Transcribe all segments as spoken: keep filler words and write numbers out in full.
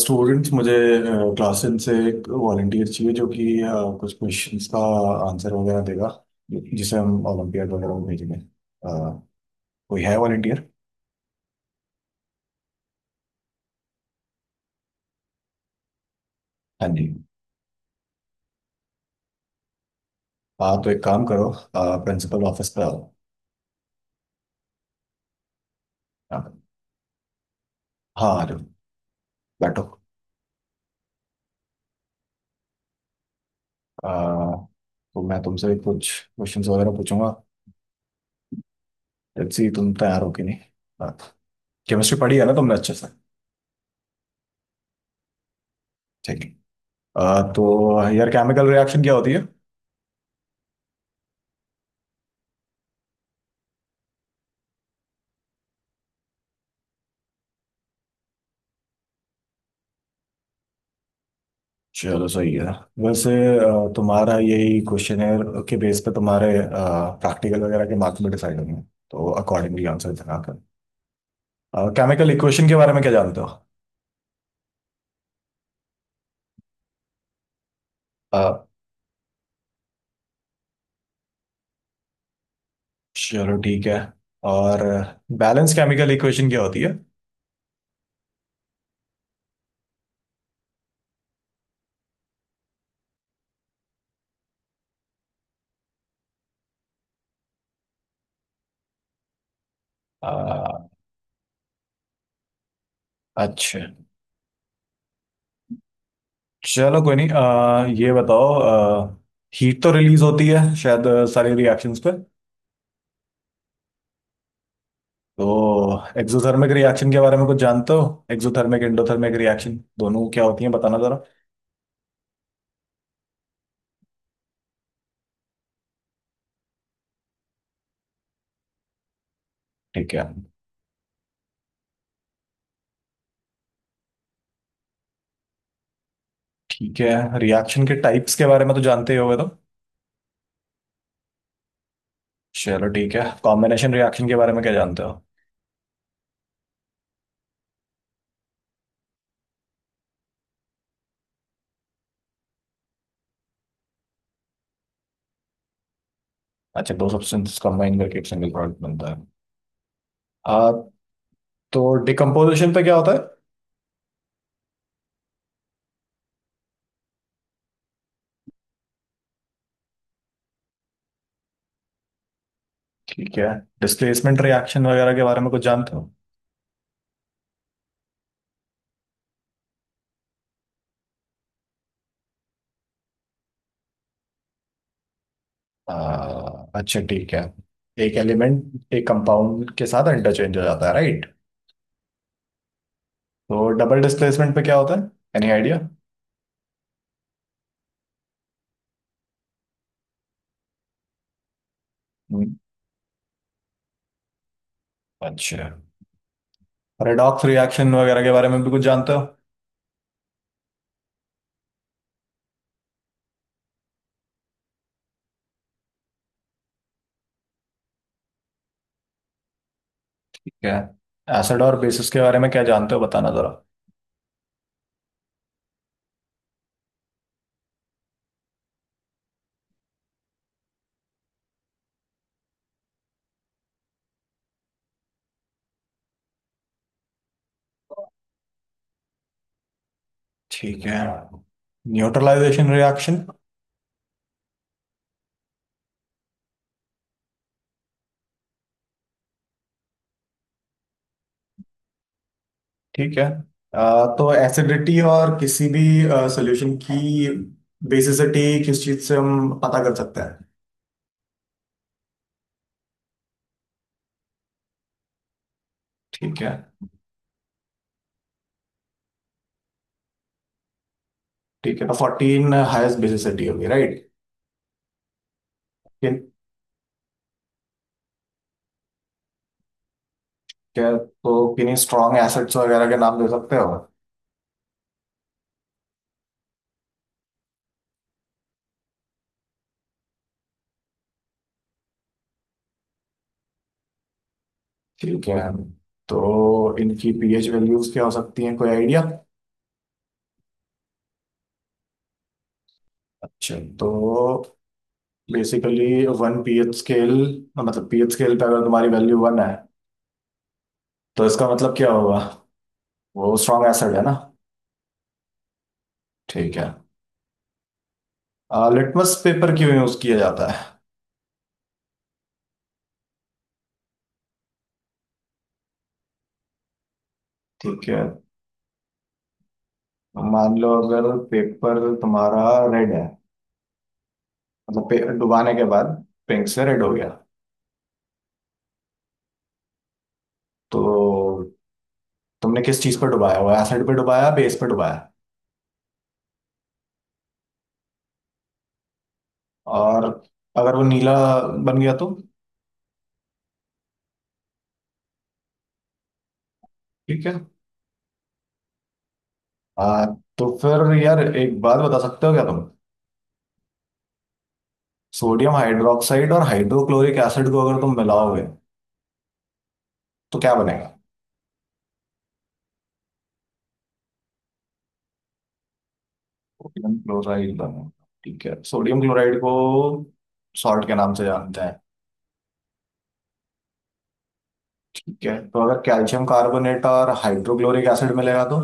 Students मुझे क्लासन से एक वॉलंटियर चाहिए जो कि अ, कुछ क्वेश्चंस का आंसर वगैरह देगा, जिसे हम ओलंपियाड वगैरह में भेजेंगे। अ, कोई है वॉलंटियर? हाँ जी। हाँ, तो एक काम करो, प्रिंसिपल ऑफिस पे आओ। हाँ, हाँ, आ जाओ। बैठो। अ, तो मैं तुमसे कुछ क्वेश्चंस वगैरह पूछूंगा, लेट्स सी तुम तैयार हो कि नहीं। केमिस्ट्री पढ़ी है ना तुमने अच्छे से? ठीक है। अ, तो यार, केमिकल रिएक्शन क्या होती है? चलो सही है। वैसे अ, तुम्हारा यही क्वेश्चनेयर के बेस पे तुम्हारे प्रैक्टिकल वगैरह के मार्क्स भी डिसाइड होंगे, तो अकॉर्डिंगली आंसर देना कर। केमिकल इक्वेशन के बारे में क्या जानते हो? अ, चलो ठीक है। और बैलेंस केमिकल इक्वेशन क्या होती है? अ, अच्छा, चलो कोई नहीं, अ, ये बताओ, हीट तो रिलीज होती है शायद अ, सारी रिएक्शंस पे। तो एक्सोथर्मिक रिएक्शन के बारे में कुछ जानते हो? एक्सोथर्मिक एंडोथर्मिक रिएक्शन दोनों क्या होती है बताना जरा। ठीक है। ठीक है, रिएक्शन के टाइप्स के बारे में तो जानते ही होगे तो। चलो ठीक है, कॉम्बिनेशन रिएक्शन के बारे में क्या जानते हो? अच्छा, दो सब्सटेंसेस कंबाइन करके एक सिंगल प्रोडक्ट बनता है। आ, तो डिकम्पोजिशन पे क्या होता है? ठीक है। डिस्प्लेसमेंट रिएक्शन वगैरह के बारे में कुछ जानते हो? आ, अच्छा ठीक है। एक एलिमेंट एक कंपाउंड के साथ इंटरचेंज हो जाता है, राइट? तो डबल डिस्प्लेसमेंट पे क्या होता है? Any idea? अच्छा। पैराडॉक्स रिएक्शन वगैरह के बारे में भी कुछ जानते हो? क्या? एसिड और बेसिस के बारे में क्या जानते हो बताना जरा। ठीक है। Neutralisation reaction? ठीक है। अ, तो एसिडिटी और किसी भी सॉल्यूशन की बेसिसिटी किस चीज से हम पता कर सकते हैं? ठीक है। ठीक है, तो फोर्टीन हाईएस्ट बेसिसिटी होगी, राइट? किन? क्या, तो किन्हीं स्ट्रॉन्ग एसिड्स वगैरह के नाम दे सकते हो? ठीक है, तो इनकी पीएच वैल्यूज क्या हो सकती हैं, कोई आइडिया? अच्छा, तो बेसिकली वन पीएच स्केल, मतलब पीएच स्केल पे अगर तुम्हारी वैल्यू वन है, तो इसका मतलब क्या होगा? वो स्ट्रॉन्ग एसिड है ना। ठीक है। लिटमस पेपर क्यों यूज किया जाता है? ठीक है। मान लो अगर पेपर तुम्हारा रेड है, मतलब पे- डुबाने के बाद पिंक से रेड हो गया, तो तुमने किस चीज पर डुबाया, वो एसिड पे डुबाया बेस पे डुबाया? और अगर वो नीला बन गया तो? ठीक है। आ, तो फिर यार, एक बात बता सकते हो क्या तुम, सोडियम हाइड्रोक्साइड और हाइड्रोक्लोरिक एसिड को अगर तुम मिलाओगे तो क्या बनेगा? सोडियम क्लोराइड बनेगा। ठीक है, सोडियम क्लोराइड को सॉल्ट के नाम से जानते हैं। ठीक है, तो अगर कैल्शियम कार्बोनेट और हाइड्रोक्लोरिक एसिड मिलेगा तो?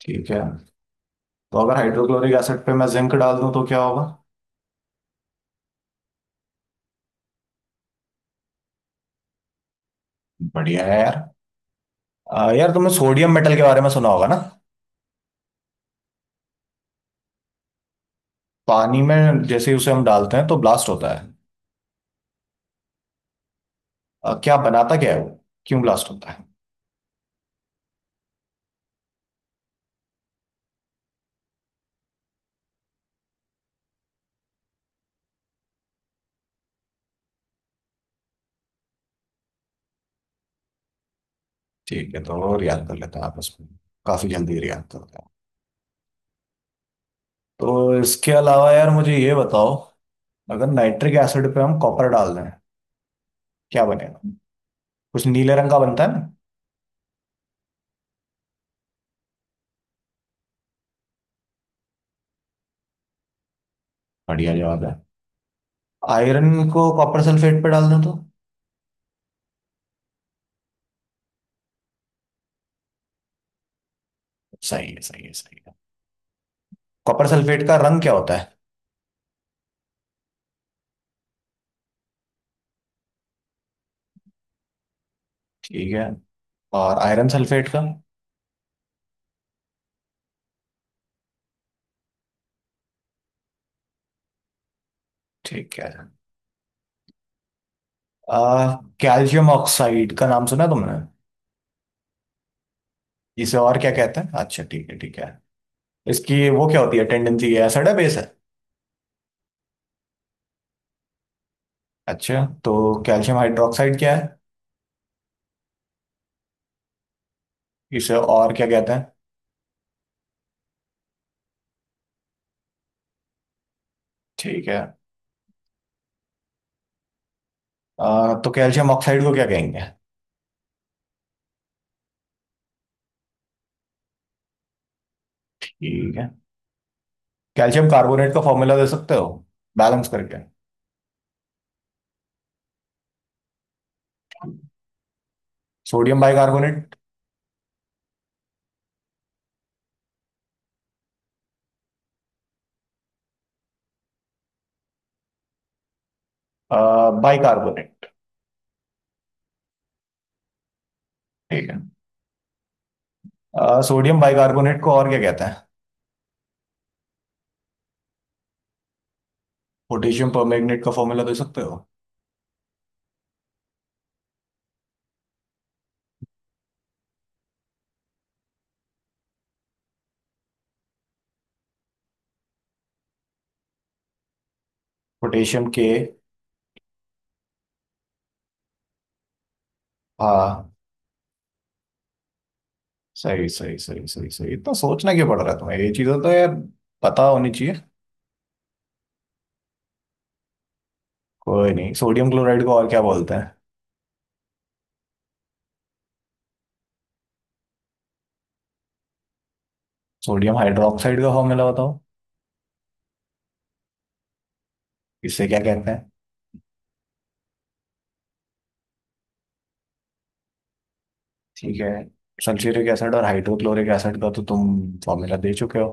ठीक है, तो अगर हाइड्रोक्लोरिक एसिड पे मैं जिंक डाल दूं तो क्या होगा? बढ़िया है यार। अ, यार, तुमने सोडियम मेटल के बारे में सुना होगा ना? पानी में जैसे ही उसे हम डालते हैं तो ब्लास्ट होता है। अ, क्या बनाता क्या है वो, क्यों ब्लास्ट होता है? ठीक है, तो और याद कर लेते हैं आप इसमें, काफी जल्दी याद करते हैं। तो इसके अलावा यार मुझे ये बताओ, अगर नाइट्रिक एसिड पे हम कॉपर डाल दें, क्या बनेगा? कुछ नीले रंग का बनता है ना। बढ़िया जवाब है। आयरन को कॉपर सल्फेट पे डाल दें तो? सही है, सही है, सही है। कॉपर सल्फेट का रंग क्या होता है? ठीक है। और आयरन सल्फेट का? ठीक है। आ, कैल्शियम ऑक्साइड का नाम सुना है तुमने? इसे और क्या कहते हैं? अच्छा ठीक है, ठीक है। इसकी वो क्या होती है टेंडेंसी, है एसिड है बेस है? अच्छा, तो कैल्शियम हाइड्रोक्साइड क्या है? इसे और क्या कहते हैं? ठीक है। आ, तो कैल्शियम ऑक्साइड को क्या कहेंगे? ठीक है। कैल्शियम कार्बोनेट का फॉर्मूला दे सकते हो, बैलेंस करके? Sodium bicarbonate. बाइकार्बोनेट। ठीक है। आ, सोडियम बाइकार्बोनेट को और क्या कहते हैं? पोटेशियम परमैंगनेट का फॉर्मूला दे सकते हो? पोटेशियम के। हाँ। सही सही सही सही सही, इतना सोचना क्यों पड़ रहा है तुम्हें, ये चीजें तो यार पता होनी चाहिए। कोई नहीं, सोडियम क्लोराइड को और क्या बोलते हैं? सोडियम हाइड्रोक्साइड का फॉर्मूला बताओ। इसे क्या कहते हैं? ठीक है। सल्फ्यूरिक एसिड और हाइड्रोक्लोरिक एसिड का तो तुम फॉर्मूला दे चुके हो।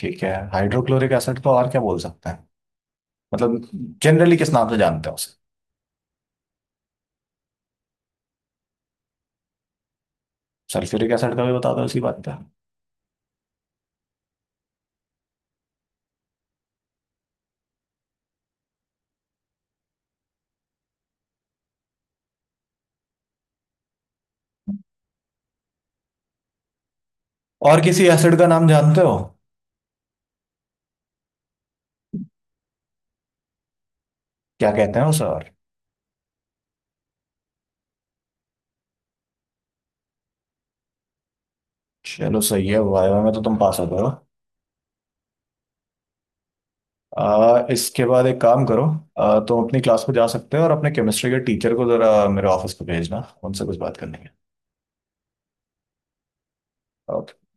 ठीक है, हाइड्रोक्लोरिक एसिड को और क्या बोल सकते हैं, मतलब जनरली किस नाम से जानते हो उसे? सल्फ्यूरिक एसिड का भी बता दो उसी बात पे। और किसी एसिड का नाम जानते हो? क्या कहते हैं उसे और? चलो सही है, वाइवा में तो तुम पास हो गए हो। आ, इसके बाद एक काम करो, आ, तुम अपनी क्लास में जा सकते हो और अपने केमिस्ट्री के टीचर को जरा मेरे ऑफिस पे भेजना, उनसे कुछ बात करनी है। ओके।